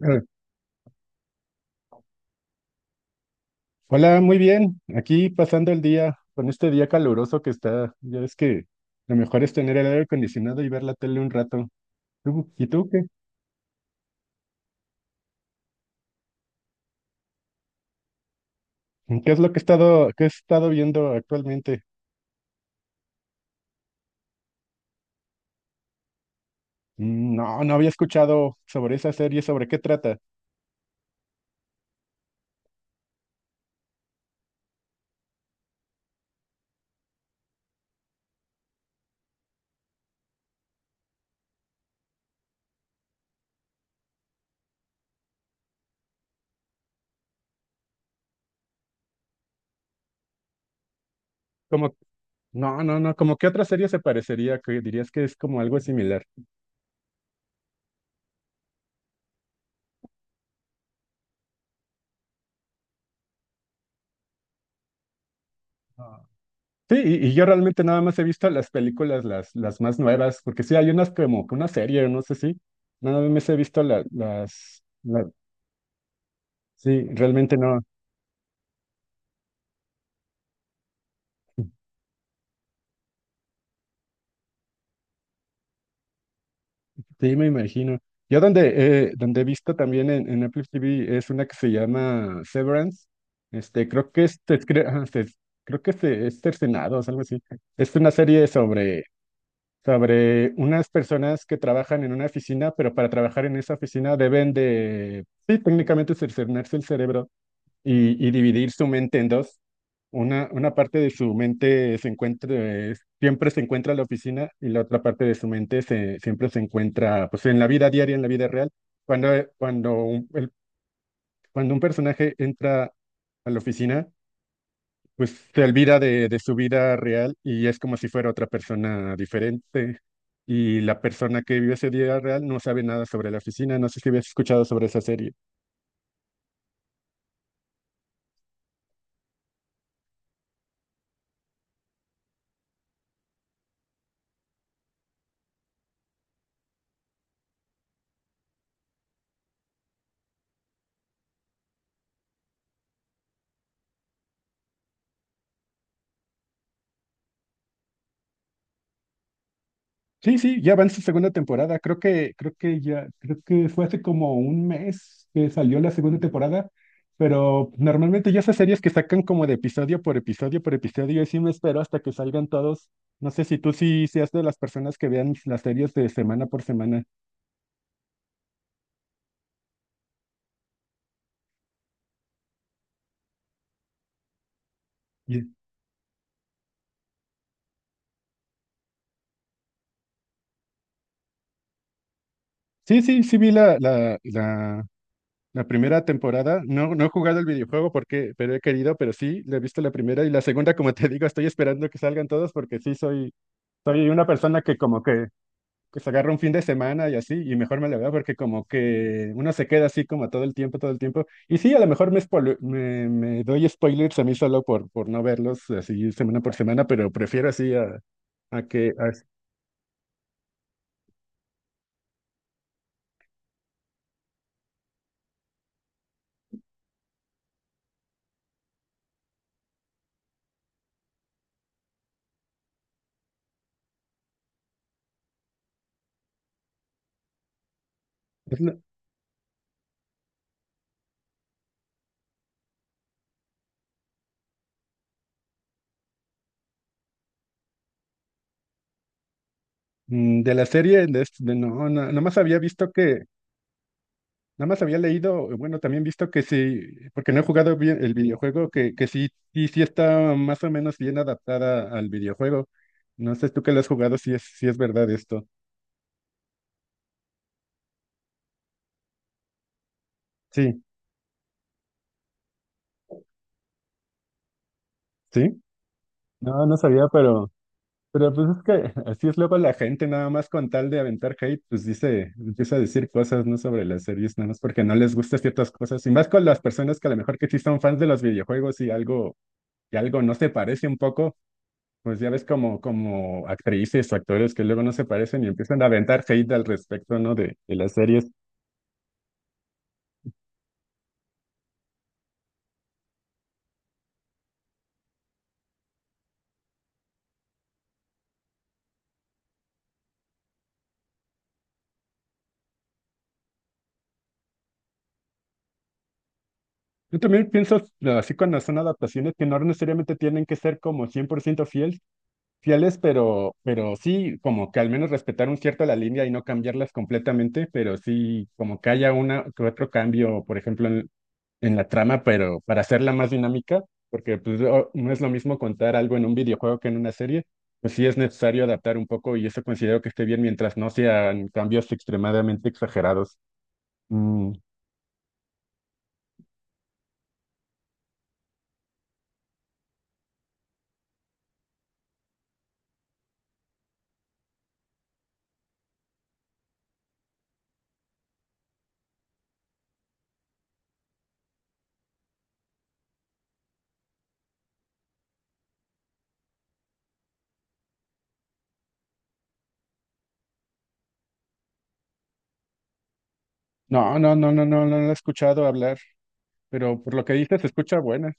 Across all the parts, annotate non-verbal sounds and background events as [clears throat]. Eh, Hola, muy bien. Aquí pasando el día con este día caluroso que está. Ya ves que lo mejor es tener el aire acondicionado y ver la tele un rato. ¿Y tú qué? ¿Qué es lo que qué he estado viendo actualmente? No, no había escuchado sobre esa serie. ¿Sobre qué trata? Como, no, no, no, ¿como qué otra serie se parecería, que dirías que es como algo similar? Ah. Sí, y yo realmente nada más he visto las películas, las más nuevas, porque sí hay unas como que una serie, no sé si. Nada más he visto la- Sí, realmente no. Sí, me imagino. Yo donde, donde he visto también en Apple TV es una que se llama Severance. Este, creo que es, ajá, se- creo que es Cercenados, algo así. Es una serie sobre, sobre unas personas que trabajan en una oficina, pero para trabajar en esa oficina deben de, sí, técnicamente cercenarse el cerebro. Y dividir su mente en dos. Una parte de su mente se encuentra, siempre se encuentra en la oficina y la otra parte de su mente siempre se encuentra pues, en la vida diaria, en la vida real. Cuando, eh, cuando, un, el- Cuando un personaje entra a la oficina, pues se olvida de su vida real y es como si fuera otra persona diferente. Y la persona que vive ese día real no sabe nada sobre la oficina. No sé si habías escuchado sobre esa serie. Sí, sí, ya va en su segunda temporada. Creo que ya, creo que fue hace como un mes que salió la segunda temporada, pero normalmente ya esas series que sacan como de episodio por episodio por episodio, y sí me espero hasta que salgan todos. No sé si tú sí seas de las personas que vean las series de semana por semana. Ye- Sí, sí, sí vi la primera temporada. No, no he jugado el videojuego porque, pero he querido, pero sí, le he visto la primera y la segunda, como te digo, estoy esperando que salgan todos porque sí soy, soy una persona que como que pues agarro un fin de semana y así, y mejor me la veo porque como que uno se queda así como todo el tiempo, todo el tiempo. Y sí, a lo mejor me doy spoilers a mí solo por no verlos así semana por semana, pero prefiero así a, a que... a- es la- de la serie, de no, no, nada más había visto que, nada más había leído, bueno, también visto que sí, porque no he jugado bien el videojuego, que sí, sí, sí está más o menos bien adaptada al videojuego. No sé tú que lo has jugado, si es, si es verdad esto. Sí, sí. No, no sabía, pero pues es que [laughs] así es luego la gente, nada más con tal de aventar hate, pues dice, empieza a decir cosas, ¿no? Sobre las series, nada más porque no les gustan ciertas cosas. Y más con las personas que a lo mejor que sí son fans de los videojuegos y algo no se parece un poco, pues ya ves como, como actrices o actores que luego no se parecen y empiezan a aventar hate al respecto, ¿no? De las series. Yo también pienso, así cuando son adaptaciones, que no necesariamente tienen que ser como 100% fieles. Fieles, pero sí, como que al menos respetar un cierto la línea y no cambiarlas completamente, pero sí, como que haya una que otro cambio, por ejemplo, en la trama, pero para hacerla más dinámica, porque pues, o- no es lo mismo contar algo en un videojuego que en una serie, pues sí es necesario adaptar un poco y eso considero que esté bien mientras no sean cambios extremadamente exagerados. Mm, No, no, no, no, no, no lo he escuchado hablar, pero por lo que dices, se escucha buena.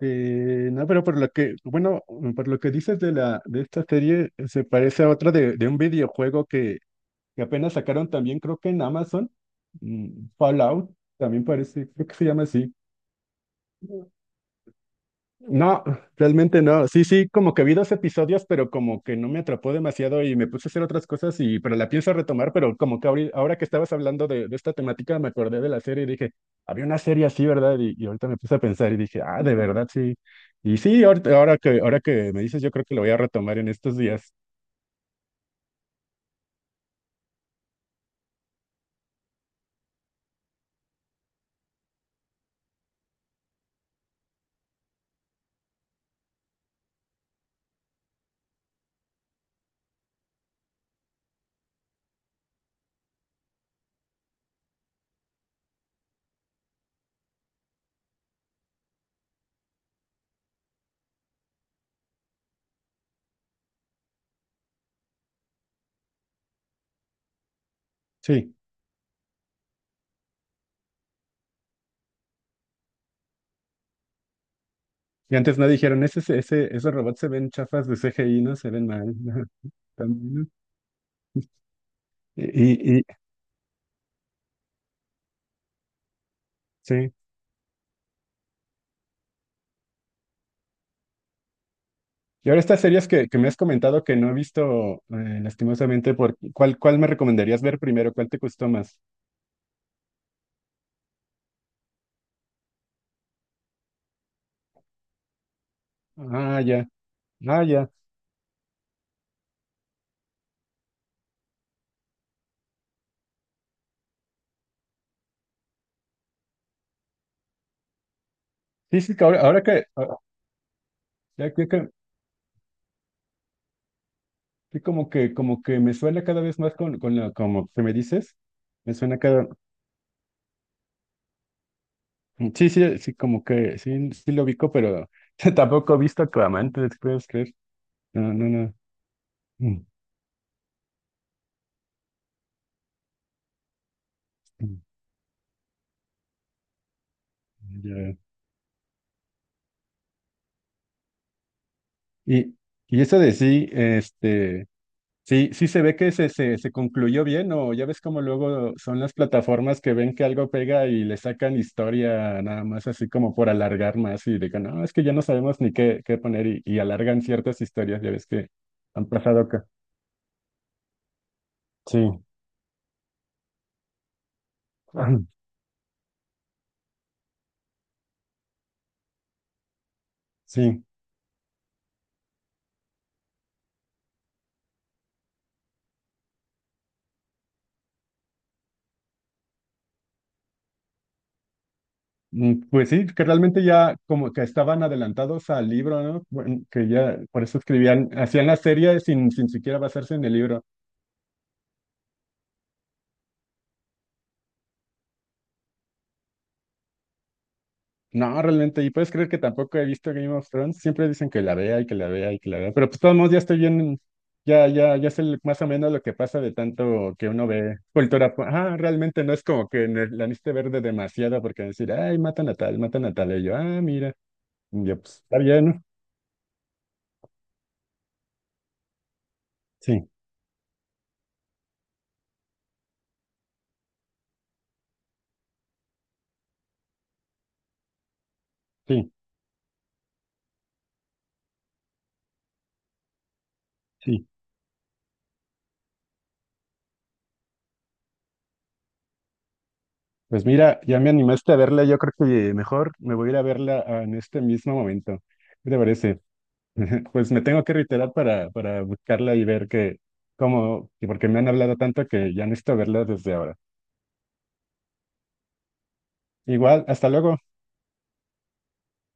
No, pero por lo que, bueno, por lo que dices de la, de esta serie, se parece a otra de un videojuego que apenas sacaron también, creo que en Amazon, Fallout, también parece, creo que se llama así. No, realmente no. Sí, sí, como que vi dos episodios, pero como que no me atrapó demasiado y me puse a hacer otras cosas y, pero la pienso retomar, pero como que ahora que estabas hablando de esta temática me acordé de la serie y dije, había una serie así, ¿verdad? Y ahorita me puse a pensar y dije, ah, de verdad, sí. Y sí, ahora ahora que me dices, yo creo que lo voy a retomar en estos días. Sí. Y antes no dijeron, esos robots se ven chafas de CGI, no se ven mal. [laughs] También, ¿no? Y, y, y- sí. Y ahora estas series que me has comentado que no he visto, lastimosamente, por, ¿cuál me recomendarías ver primero? ¿Cuál te gustó más? Ah, ya, ah, ya. Sí, sí, que ahora, ah, ya que, que- que como que, como que me suena cada vez más con la, como que me dices, me suena cada, sí, sí, sí, como que, sí, sí lo ubico, pero [laughs] tampoco he visto Aquaman, ¿te puedes creer? No, no, no. Mm, mm, ya. Y, y eso de sí, este... Sí, sí se ve que se concluyó bien, o ya ves como luego son las plataformas que ven que algo pega y le sacan historia nada más así como por alargar más y digan, no, es que ya no sabemos ni qué, qué poner y alargan ciertas historias, ya ves que han pasado acá. Sí, [clears throat] sí. Pues sí, que realmente ya como que estaban adelantados al libro, ¿no? Bueno, que ya por eso escribían, hacían la serie sin, sin siquiera basarse en el libro. No, realmente, y puedes creer que tampoco he visto Game of Thrones. Siempre dicen que la vea y que la vea y que la vea, pero pues de todos modos ya estoy bien, ya, ya, ya sé más o menos lo que pasa de tanto que uno ve cultura. Pop. Ah, realmente no es como que la necesite ver de demasiado porque decir, ay, matan a tal, matan a tal. Y yo, ah, mira, y yo, pues está bien, ¿no? Sí, sí, sí. Pues mira, ya me animaste a verla. Yo creo que mejor me voy a ir a verla ah, en este mismo momento. ¿Qué te parece? [laughs] Pues me tengo que reiterar para buscarla y ver que, cómo, y porque me han hablado tanto que ya necesito verla desde ahora. Igual, hasta luego.